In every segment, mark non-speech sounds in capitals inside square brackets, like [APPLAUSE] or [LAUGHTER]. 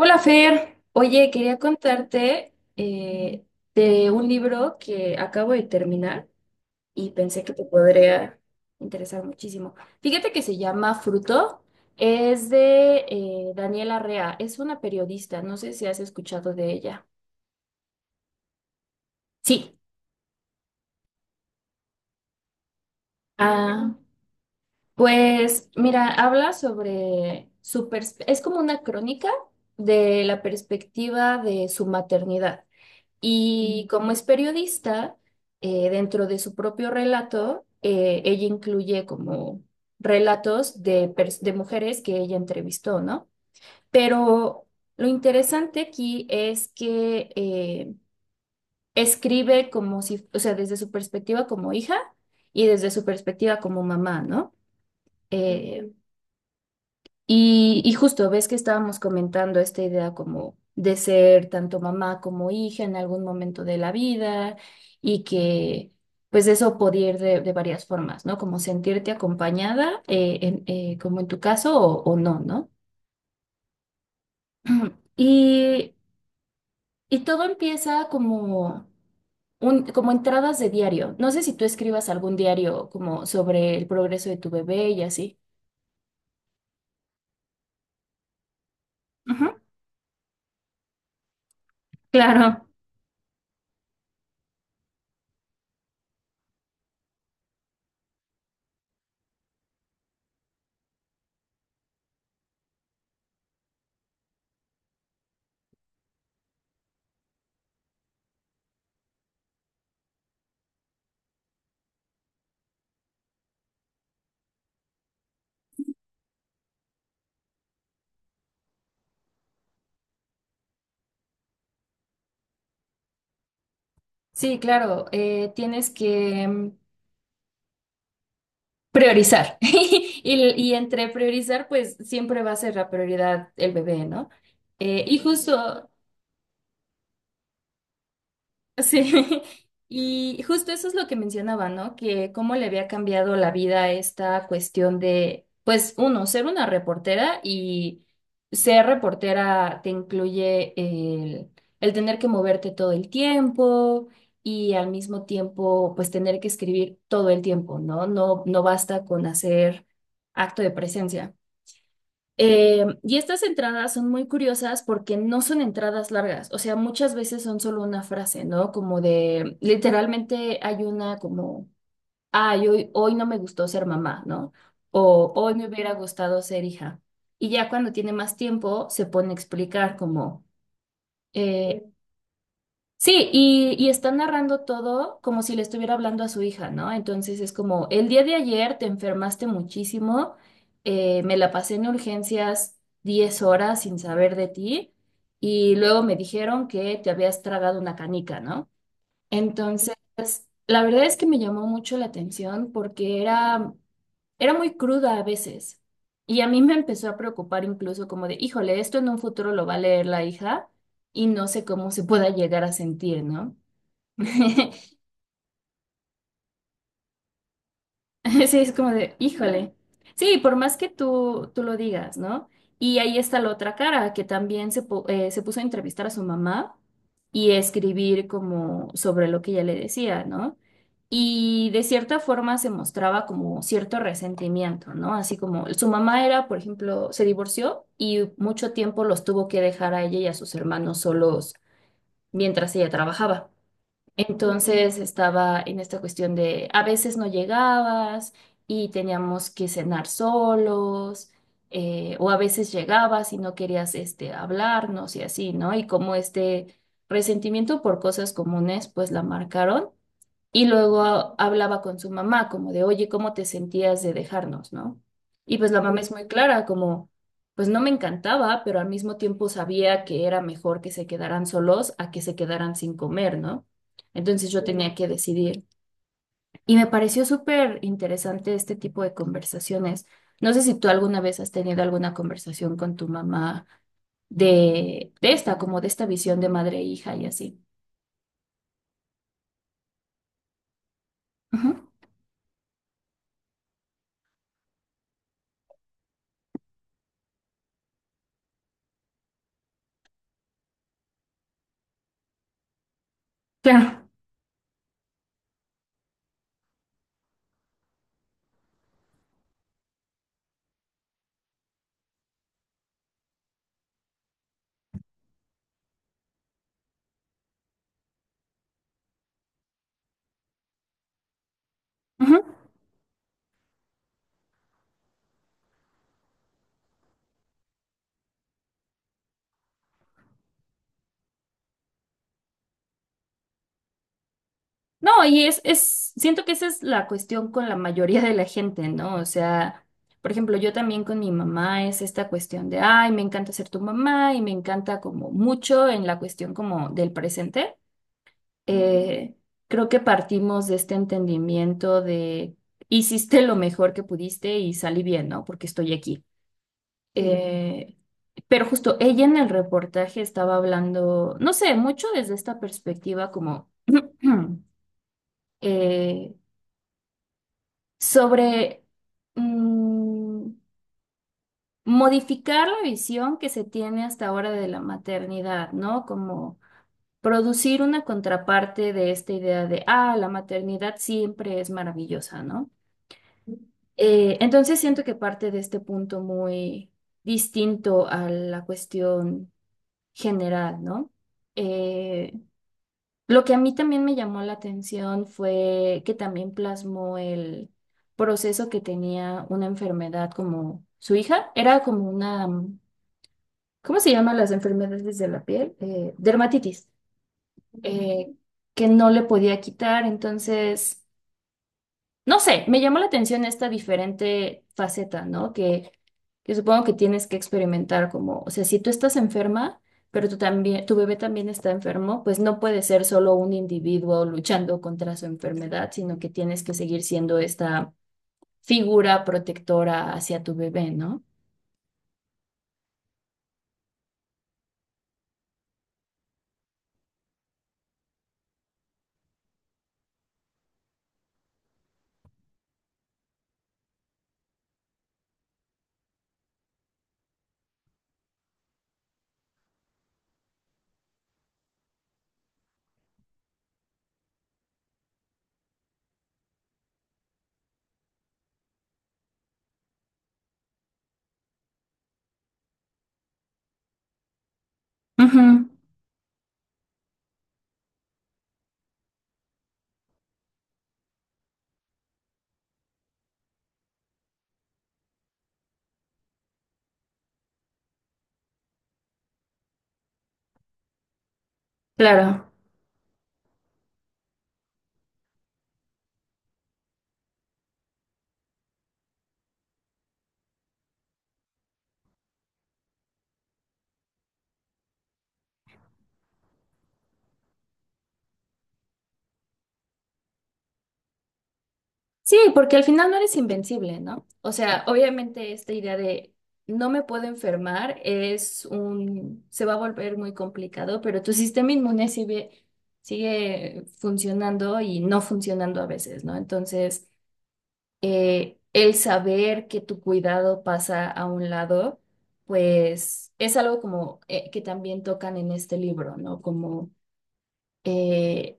Hola Fer, oye, quería contarte de un libro que acabo de terminar y pensé que te podría interesar muchísimo. Fíjate que se llama Fruto, es de Daniela Rea, es una periodista, no sé si has escuchado de ella. Sí, ah, pues mira, habla sobre es como una crónica de la perspectiva de su maternidad. Y como es periodista, dentro de su propio relato, ella incluye como relatos de, de mujeres que ella entrevistó, ¿no? Pero lo interesante aquí es que escribe como si, o sea, desde su perspectiva como hija y desde su perspectiva como mamá, ¿no? Eh, y justo ves que estábamos comentando esta idea como de ser tanto mamá como hija en algún momento de la vida y que pues eso podía ir de varias formas, ¿no? Como sentirte acompañada, como en tu caso, o no, ¿no? [CLEARS THROAT] Y, y todo empieza como, un, como entradas de diario. No sé si tú escribas algún diario como sobre el progreso de tu bebé y así. Ujú. Claro, sí, claro. Tienes que... priorizar. [LAUGHS] Y, y entre priorizar, pues siempre va a ser la prioridad el bebé, ¿no? Y justo, sí, [LAUGHS] y justo eso es lo que mencionaba, ¿no? Que cómo le había cambiado la vida a esta cuestión de, pues, uno, ser una reportera y ser reportera te incluye el tener que moverte todo el tiempo y al mismo tiempo, pues, tener que escribir todo el tiempo, ¿no? No, no basta con hacer acto de presencia. Y estas entradas son muy curiosas porque no son entradas largas, o sea, muchas veces son solo una frase, ¿no? Como de, literalmente hay una como, ay, hoy no me gustó ser mamá, ¿no? O hoy me hubiera gustado ser hija. Y ya cuando tiene más tiempo se pone a explicar como, eh, sí, y está narrando todo como si le estuviera hablando a su hija, ¿no? Entonces es como, el día de ayer te enfermaste muchísimo, me la pasé en urgencias 10 horas sin saber de ti, y luego me dijeron que te habías tragado una canica, ¿no? Entonces, la verdad es que me llamó mucho la atención porque era muy cruda a veces. Y a mí me empezó a preocupar incluso como de, híjole, esto en un futuro lo va a leer la hija y no sé cómo se pueda llegar a sentir, ¿no? [LAUGHS] [LAUGHS] Sí, es como de, híjole. Sí, por más que tú lo digas, ¿no? Y ahí está la otra cara, que también se puso a entrevistar a su mamá y escribir como sobre lo que ella le decía, ¿no? Y de cierta forma se mostraba como cierto resentimiento, ¿no? Así como su mamá era, por ejemplo, se divorció y mucho tiempo los tuvo que dejar a ella y a sus hermanos solos mientras ella trabajaba. Entonces estaba en esta cuestión de a veces no llegabas y teníamos que cenar solos, o a veces llegabas y no querías este, hablarnos y así, ¿no? Y como este resentimiento por cosas comunes, pues la marcaron. Y luego hablaba con su mamá, como de, oye, ¿cómo te sentías de dejarnos, no? Y pues la mamá es muy clara, como, pues no me encantaba, pero al mismo tiempo sabía que era mejor que se quedaran solos a que se quedaran sin comer, ¿no? Entonces yo tenía que decidir. Y me pareció súper interesante este tipo de conversaciones. No sé si tú alguna vez has tenido alguna conversación con tu mamá de esta, como de esta visión de madre e hija y así. Ujú. Claro. Ujú. No, es, siento que esa es la cuestión con la mayoría de la gente, ¿no? O sea, por ejemplo, yo también con mi mamá es esta cuestión de, ay, me encanta ser tu mamá y me encanta como mucho en la cuestión como del presente. Eh, creo que partimos de este entendimiento de, hiciste lo mejor que pudiste y salí bien, ¿no? Porque estoy aquí. Eh, pero justo ella en el reportaje estaba hablando, no sé, mucho desde esta perspectiva como... [CLEARS THROAT] eh, sobre mm, modificar la visión que se tiene hasta ahora de la maternidad, ¿no? Como producir una contraparte de esta idea de, ah, la maternidad siempre es maravillosa, ¿no? Entonces siento que parte de este punto muy distinto a la cuestión general, ¿no? Eh, lo que a mí también me llamó la atención fue que también plasmó el proceso que tenía una enfermedad como su hija. Era como una, ¿cómo se llaman las enfermedades de la piel? Dermatitis, eh, que no le podía quitar. Entonces, no sé, me llamó la atención esta diferente faceta, ¿no? Que supongo que tienes que experimentar como, o sea, si tú estás enferma, pero tú también, tu bebé también está enfermo, pues no puede ser solo un individuo luchando contra su enfermedad, sino que tienes que seguir siendo esta figura protectora hacia tu bebé, ¿no? Ujú. Claro. Sí, porque al final no eres invencible, ¿no? O sea, obviamente esta idea de no me puedo enfermar es un, se va a volver muy complicado, pero tu sistema inmune sigue funcionando y no funcionando a veces, ¿no? Entonces, el saber que tu cuidado pasa a un lado, pues es algo como que también tocan en este libro, ¿no? Como eh,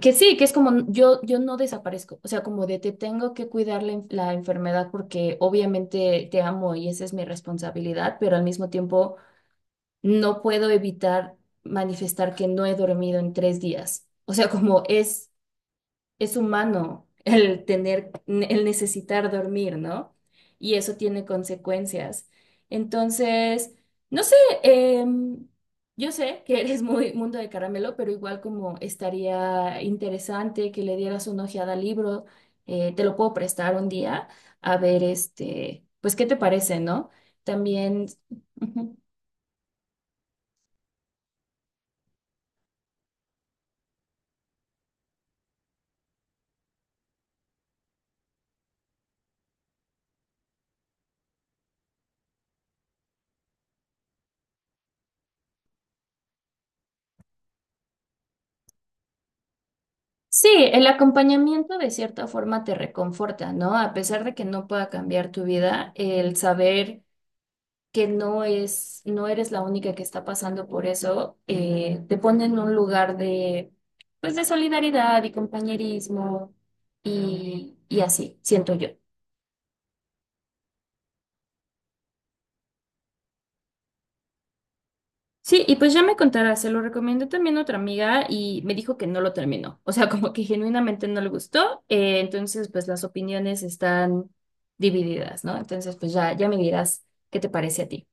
que sí, que es como yo no desaparezco, o sea, como de te tengo que cuidar la enfermedad porque obviamente te amo y esa es mi responsabilidad, pero al mismo tiempo no puedo evitar manifestar que no he dormido en 3 días. O sea, como es humano el tener, el necesitar dormir, ¿no? Y eso tiene consecuencias. Entonces, no sé, em, yo sé que eres muy mundo de caramelo, pero igual como estaría interesante que le dieras una ojeada al libro, te lo puedo prestar un día, a ver, este, pues, ¿qué te parece, no? También... ujú. Sí, el acompañamiento de cierta forma te reconforta, ¿no? A pesar de que no pueda cambiar tu vida, el saber que no eres la única que está pasando por eso, te pone en un lugar de, pues, de solidaridad y compañerismo y así, siento yo. Sí, y pues ya me contará, se lo recomendé también a otra amiga y me dijo que no lo terminó, o sea, [LAUGHS] como que genuinamente no le gustó, entonces pues las opiniones están divididas, ¿no? Entonces pues ya, ya me dirás qué te parece a ti.